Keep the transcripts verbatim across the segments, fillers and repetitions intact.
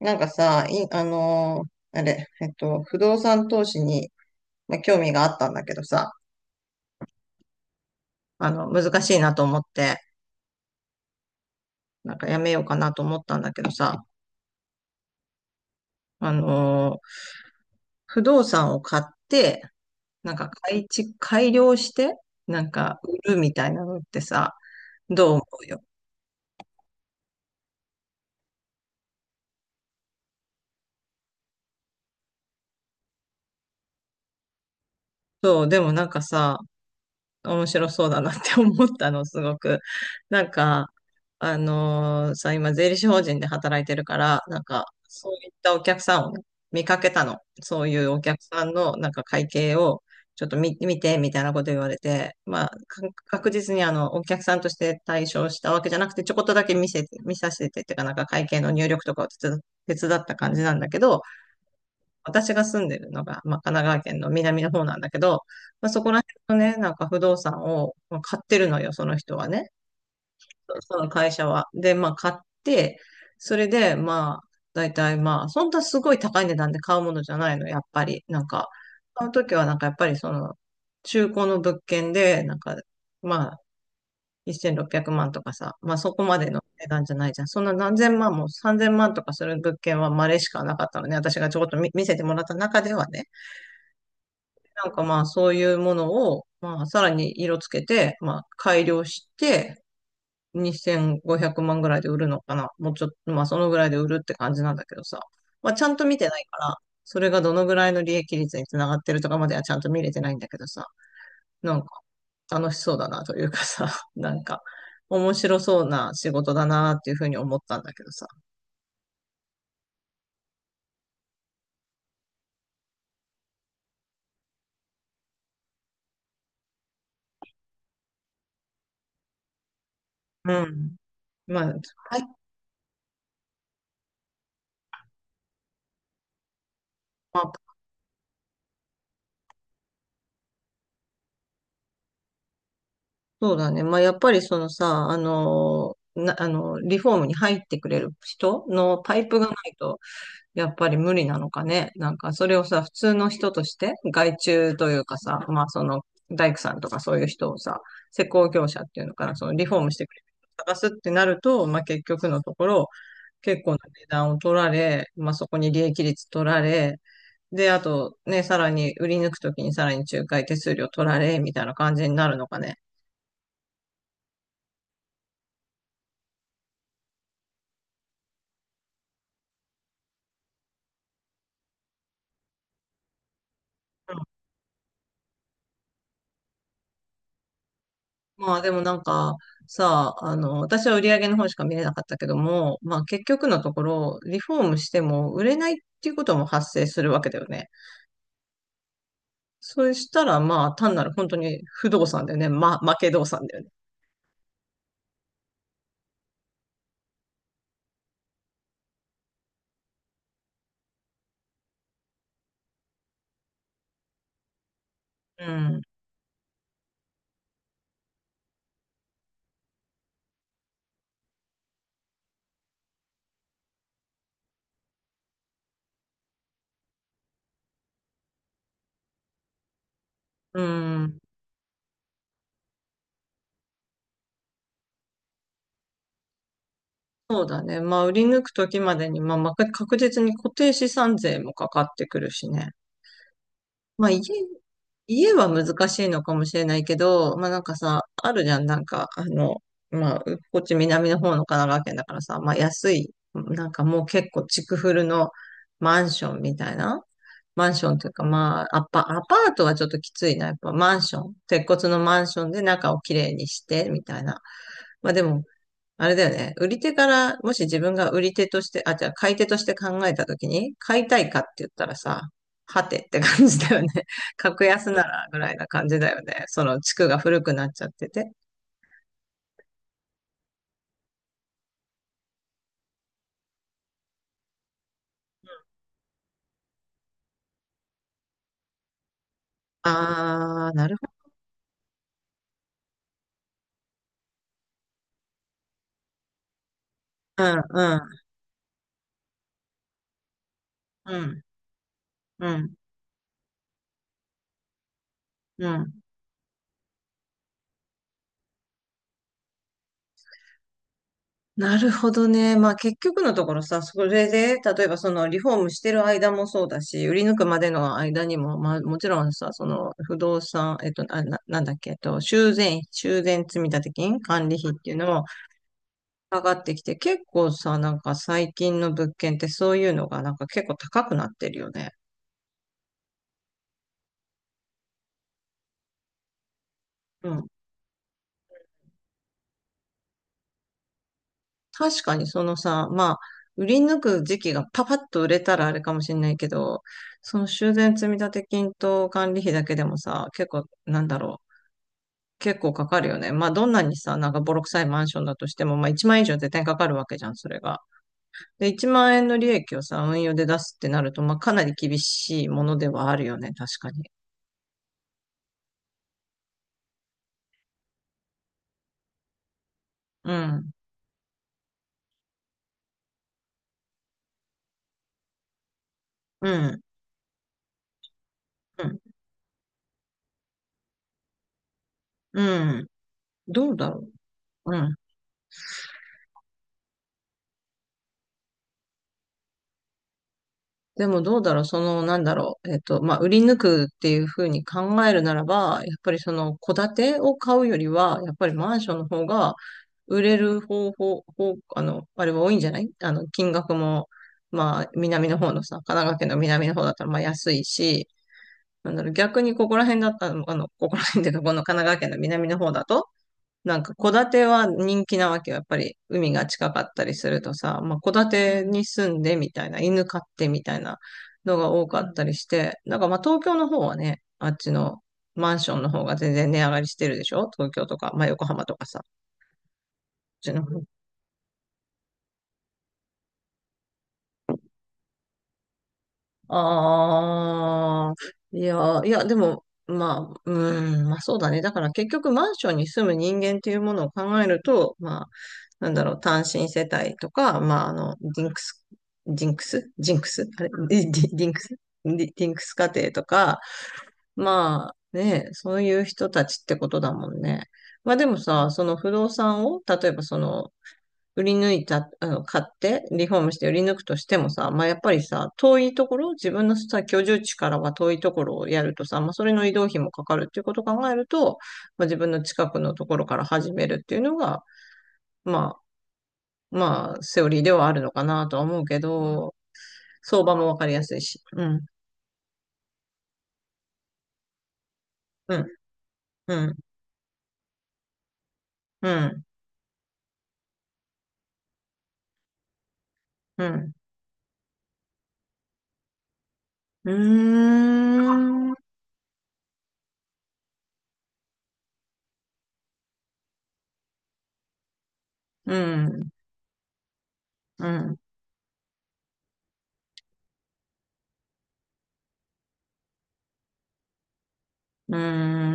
なんかさ、い、あのーあれ、えっと、不動産投資に、まあ、興味があったんだけどさ、あの、難しいなと思って、なんかやめようかなと思ったんだけどさ、あのー不動産を買って、なんか改築、改良して、なんか売るみたいなのってさ、どう思う？そう、でもなんかさ、面白そうだなって思ったの、すごく。なんか、あのーさ、今、税理士法人で働いてるから、なんか、そういったお客さんを見かけたの。そういうお客さんの、なんか、会計を、ちょっと見、見て、みたいなこと言われて、まあ、か確実に、あの、お客さんとして対象したわけじゃなくて、ちょこっとだけ見せて、見させてっていうか、なんか、会計の入力とかを手伝手伝った感じなんだけど、私が住んでるのが、まあ、神奈川県の南の方なんだけど、まあ、そこら辺のね、なんか不動産をまあ買ってるのよ、その人はね。その会社は。で、まあ買って、それで、まあ、大体まあ、そんなすごい高い値段で買うものじゃないの、やっぱり。なんか、買うときはなんかやっぱりその、中古の物件で、なんか、まあ、せんろっぴゃくまんとかさ、まあそこまでの値段じゃないじゃん。そんな何千万もさんぜんまんとかする物件は稀しかなかったのね。私がちょこっと見見せてもらった中ではね。なんかまあそういうものを、まあさらに色つけて、まあ改良して、にせんごひゃくまんぐらいで売るのかな。もうちょっと、まあそのぐらいで売るって感じなんだけどさ。まあちゃんと見てないから、それがどのぐらいの利益率につながってるとかまではちゃんと見れてないんだけどさ。なんか楽しそうだなというかさ、なんか面白そうな仕事だなっていうふうに思ったんだけどさ。うん。まあ、はい。まあそうだね。まあ、やっぱりそのさ、あの、な、あの、リフォームに入ってくれる人のパイプがないと、やっぱり無理なのかね。なんか、それをさ、普通の人として、外注というかさ、まあ、その、大工さんとかそういう人をさ、施工業者っていうのかな、そのリフォームしてくれる人を探すってなると、まあ、結局のところ、結構な値段を取られ、まあ、そこに利益率取られ、で、あと、ね、さらに売り抜くときにさらに仲介手数料取られ、みたいな感じになるのかね。まあでもなんかさ、あの、私は売り上げの方しか見れなかったけども、まあ結局のところ、リフォームしても売れないっていうことも発生するわけだよね。そうしたらまあ単なる本当に不動産だよね。ま負け動産だよね。うん。うん。そうだね。まあ売り抜くときまでに、まあまあ確実に固定資産税もかかってくるしね。まあ家、家は難しいのかもしれないけど、まあなんかさ、あるじゃん、なんか、あの、まあ、うこっち南の方の神奈川県だからさ、まあ安い、なんかもう結構築古のマンションみたいな。マンションというか、まあ、アパ、アパートはちょっときついな。やっぱマンション。鉄骨のマンションで中をきれいにして、みたいな。まあでも、あれだよね。売り手から、もし自分が売り手として、あ、じゃあ買い手として考えたときに、買いたいかって言ったらさ、はてって感じだよね。格安ならぐらいな感じだよね。その地区が古くなっちゃってて。あー、なるほど。うん、うん、うん、うん、うん。なるほどね。まあ結局のところさ、それで、例えばそのリフォームしてる間もそうだし、売り抜くまでの間にも、まあもちろんさ、その不動産、えっと、あ、な、なんだっけ、えっと、修繕、修繕積立金、管理費っていうのも上がってきて、結構さ、なんか最近の物件ってそういうのがなんか結構高くなってるよね。確かにそのさ、まあ、売り抜く時期がパパッと売れたらあれかもしれないけど、その修繕積立金と管理費だけでもさ、結構、なんだろう、結構かかるよね。まあ、どんなにさ、なんかボロ臭いマンションだとしても、まあ、いちまん円以上絶対かかるわけじゃん、それが。で、いちまん円の利益をさ、運用で出すってなると、まあ、かなり厳しいものではあるよね、確かに。うん、うん、うん、うん。どうだろう。うん。でもどうだろう、その、なんだろう、えっと、まあ、売り抜くっていうふうに考えるならば、やっぱりその、戸建てを買うよりは、やっぱりマンションの方が、売れる方法、方、あの、あれは多いんじゃない？あの、金額も、まあ、南の方のさ、神奈川県の南の方だったら、まあ、安いし、なんだろう、逆にここら辺だったら、あの、ここら辺っていうか、この神奈川県の南の方だと、なんか戸建ては人気なわけよ。やっぱり海が近かったりするとさ、まあ戸建てに住んでみたいな、犬飼ってみたいなのが多かったりして、なんかまあ東京の方はね、あっちのマンションの方が全然値上がりしてるでしょ？東京とか、まあ横浜とかさ、こっちの方。ああ、いや、いや、でも、まあ、うん、まあそうだね。だから結局マンションに住む人間っていうものを考えると、まあ、なんだろう、単身世帯とか、まあ、あの、ディンクス、ジンクスジンクスあれディ、ディディ ンクスディ、ディンクス家庭とか、まあね、そういう人たちってことだもんね。まあでもさ、その不動産を、例えばその売り抜いた、あの、買って、リフォームして売り抜くとしてもさ、まあ、やっぱりさ、遠いところ、自分のさ、居住地からは遠いところをやるとさ、まあ、それの移動費もかかるっていうことを考えると、まあ、自分の近くのところから始めるっていうのが、まあ、まあ、セオリーではあるのかなとは思うけど、相場もわかりやすいし。うん、うん、うん、うん、うん。うーん、うん、うん。うー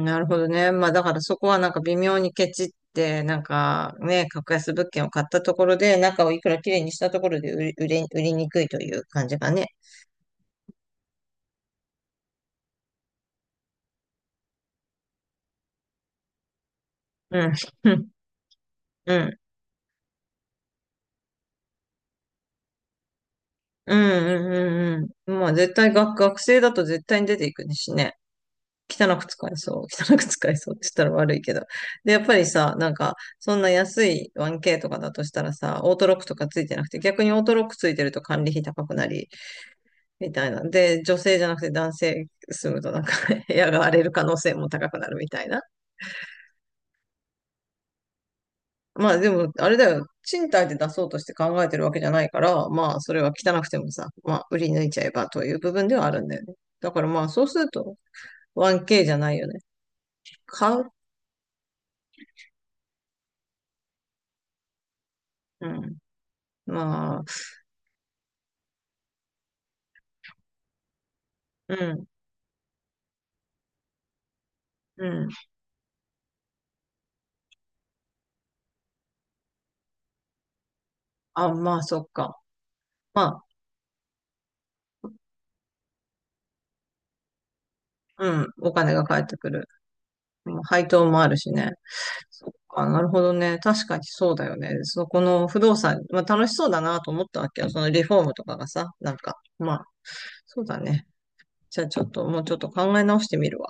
ん、なるほどね。まあだからそこはなんか微妙にケチって、なんかね、格安物件を買ったところで、中をいくら綺麗にしたところで売り、売れ、売りにくいという感じかね。うん、うん、うん、うん、うん。うんまあ絶対学、学生だと絶対に出ていくねしね。汚く使えそう。汚く使えそうって言ったら悪いけど。で、やっぱりさ、なんか、そんな安い ワンケー とかだとしたらさ、オートロックとかついてなくて、逆にオートロックついてると管理費高くなり、みたいな。で、女性じゃなくて男性住むとなんか 部屋が荒れる可能性も高くなるみたいな。まあでも、あれだよ。賃貸で出そうとして考えてるわけじゃないから、まあそれは汚くてもさ、まあ売り抜いちゃえばという部分ではあるんだよね。だからまあそうすると ワンケー じゃないよね。買う？うん。まあ、うん、うん。あ、まあそっか。まあ、うん。お金が返ってくる。配当もあるしね。そっか、なるほどね。確かにそうだよね。そこの不動産、まあ楽しそうだなと思ったわけよ。そのリフォームとかがさ、なんか、まあ、そうだね。じゃあちょっともうちょっと考え直してみるわ。